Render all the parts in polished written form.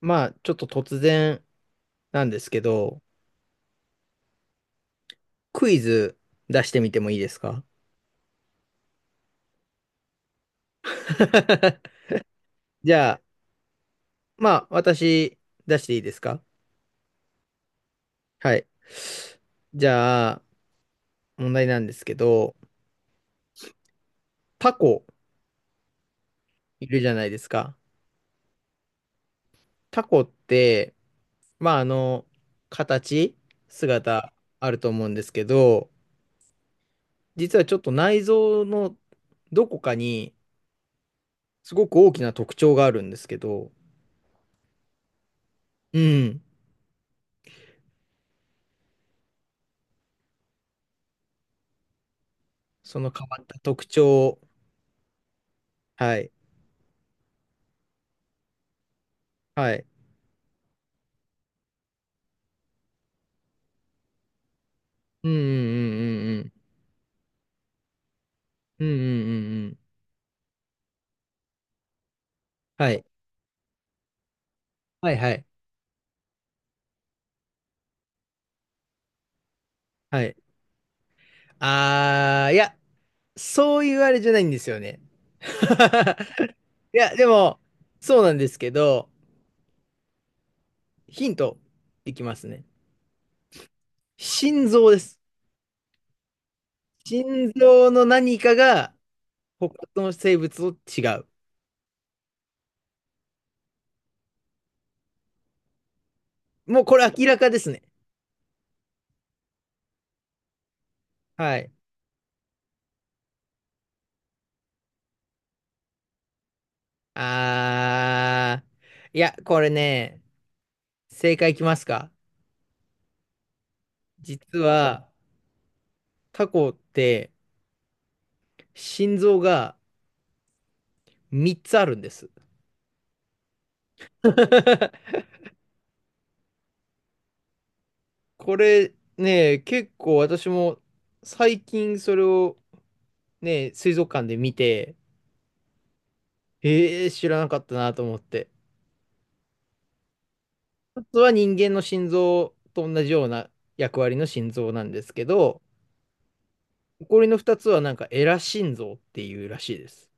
まあ、ちょっと突然なんですけど、クイズ出してみてもいいですか？ じゃあ、まあ、私出していいですか？はい。じゃあ、問題なんですけど、タコいるじゃないですか。タコって、まあ、形、姿あると思うんですけど、実はちょっと内臓のどこかにすごく大きな特徴があるんですけど、うん、その変わった特徴、はい。はい。うんうんうんうんうん。うんうんうんうん。はい。はいはい。はい。あー、いや、そういうあれじゃないんですよね。いや、でも、そうなんですけど、ヒントいきますね。心臓です。心臓の何かが他の生物と違う。もうこれ明らかですね。はい。あー、いや、これね、正解いきますか。実は、タコって心臓が3つあるんです。 これね、結構私も最近それをね、水族館で見て、知らなかったなと思って。一つは人間の心臓と同じような役割の心臓なんですけど、残りの2つはなんかエラ心臓っていうらしいです。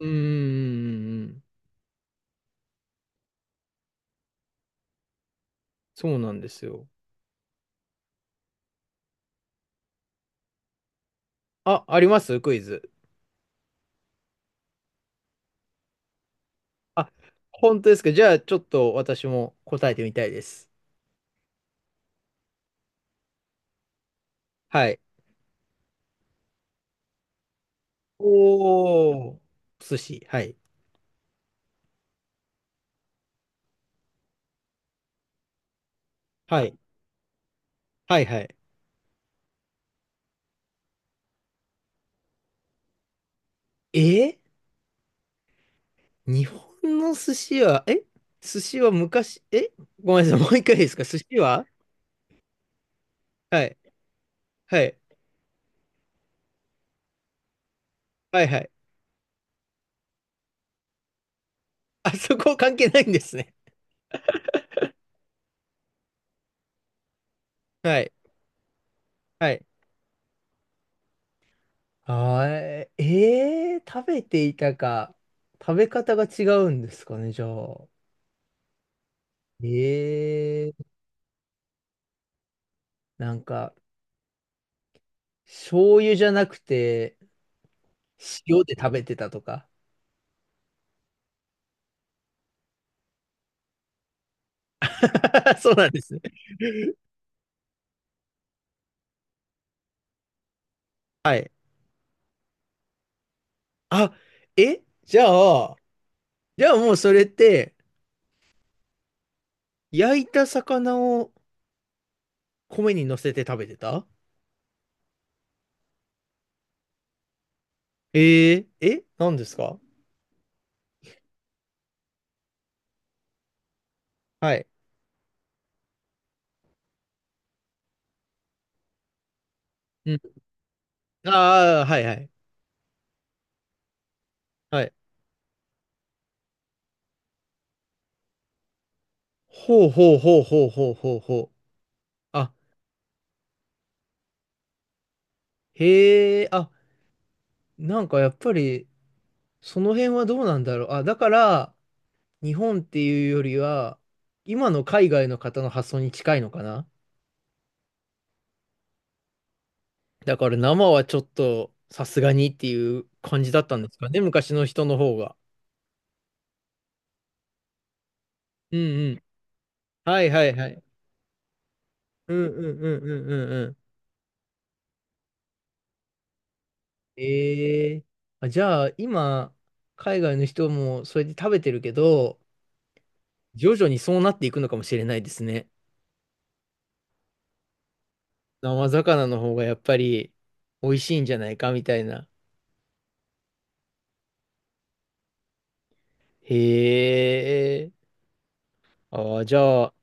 うーん、そうなんですよ。あ、ありますクイズ。あ、本当ですか。じゃあちょっと私も答えてみたいです。はい。おー、寿司。はい。はい。はい、はい。えー日本の寿司は、え寿司は昔、えごめんなさい、もう一回いいですか寿司は、はい。はい。はい、はい。あそこ関係ないんですね。はい。はい。あー、食べていたか。食べ方が違うんですかね、じゃあ。えー、なんか、醤油じゃなくて、塩で食べてたとか。そうなんですね。はい。あ、えじゃあ、じゃあもうそれって、焼いた魚を米に乗せて食べてた、え何ですか？はい。うん。ああ、はいはい。はい。ほうほうほうほうほうほうほう。あ、へえ、あ、なんかやっぱり、その辺はどうなんだろう。あ、だから、日本っていうよりは、今の海外の方の発想に近いのかな。だから生はちょっと、さすがにっていう感じだったんですかね、昔の人の方が。うんうん。はいはいはい。うんうんうんうんうんうん。ええ、あ、じゃあ、今、海外の人もそれで食べてるけど、徐々にそうなっていくのかもしれないですね。生魚の方がやっぱり美味しいんじゃないかみたいな。へえ。ああ、じゃあ、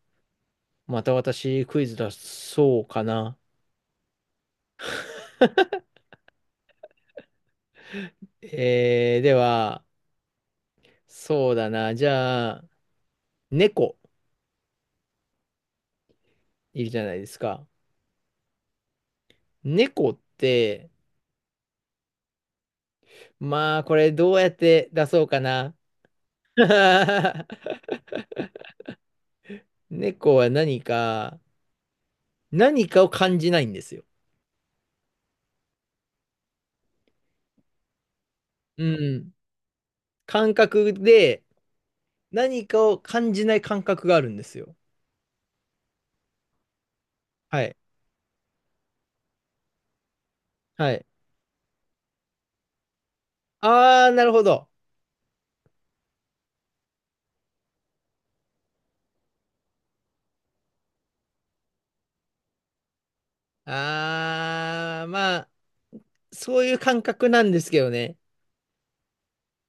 また私クイズ出そうかな。では、そうだな。じゃあ、猫いるじゃないですか。猫って、まあ、これどうやって出そうかな。猫は何か、何かを感じないんですよ。うん。感覚で何かを感じない感覚があるんですよ。はい。はい。ああ、なるほど。ああ、まあ、そういう感覚なんですけどね。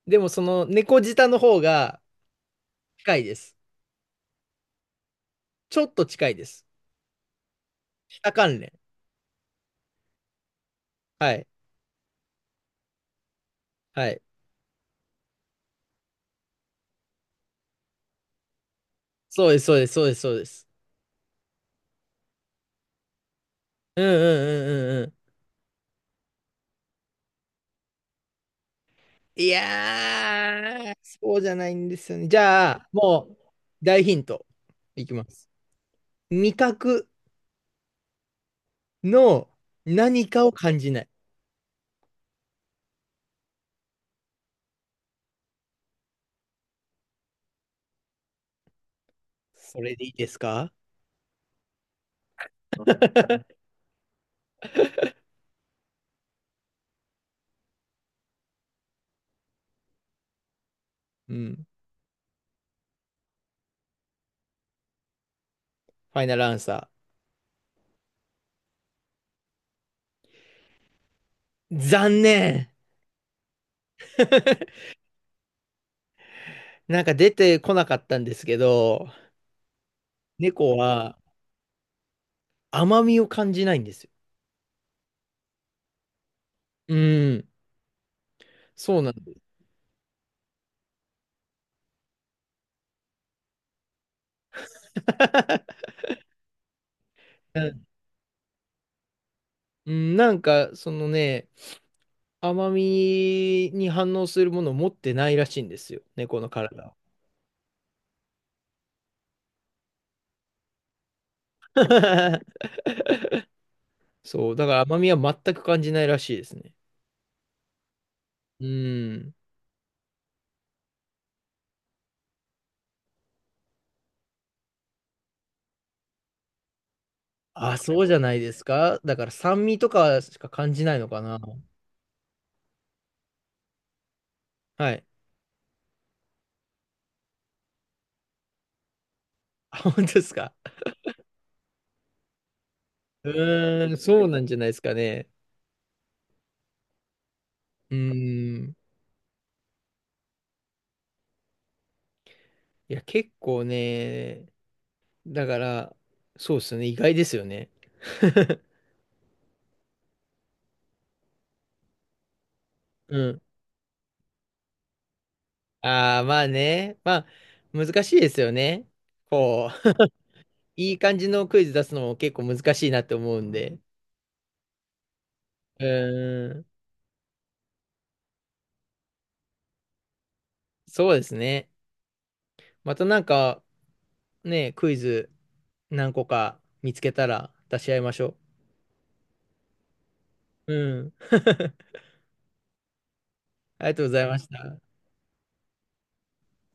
でもその猫舌の方が近いです。ちょっと近いです。舌関連。はい。はい。そうです、そうです、そうです、そうです。うんうんうんうんうん。いやー、そうじゃないんですよね。じゃあ、もう、大ヒントいきます。味覚の何かを感じない。それでいいですか？ うん。ファイナルアンサー。残念。なんか出てこなかったんですけど、猫は甘みを感じないんですよ。うん。そうなんです。うん、なんか、そのね、甘みに反応するものを持ってないらしいんですよ、猫の体は。そう、だから甘みは全く感じないらしいですね。うん。あ、そうじゃないですか。だから酸味とかしか感じないのかな。はい。あ、本当ですか。うーん、そうなんじゃないですかね。うーん。いや、結構ね、だから、そうですね、意外ですよね。うん。ああ、まあね。まあ、難しいですよね。こう、いい感じのクイズ出すのも結構難しいなって思うんで。うーん、そうですね。またなんか、ね、クイズ何個か見つけたら出し合いましょう。うん。ありがとうございました。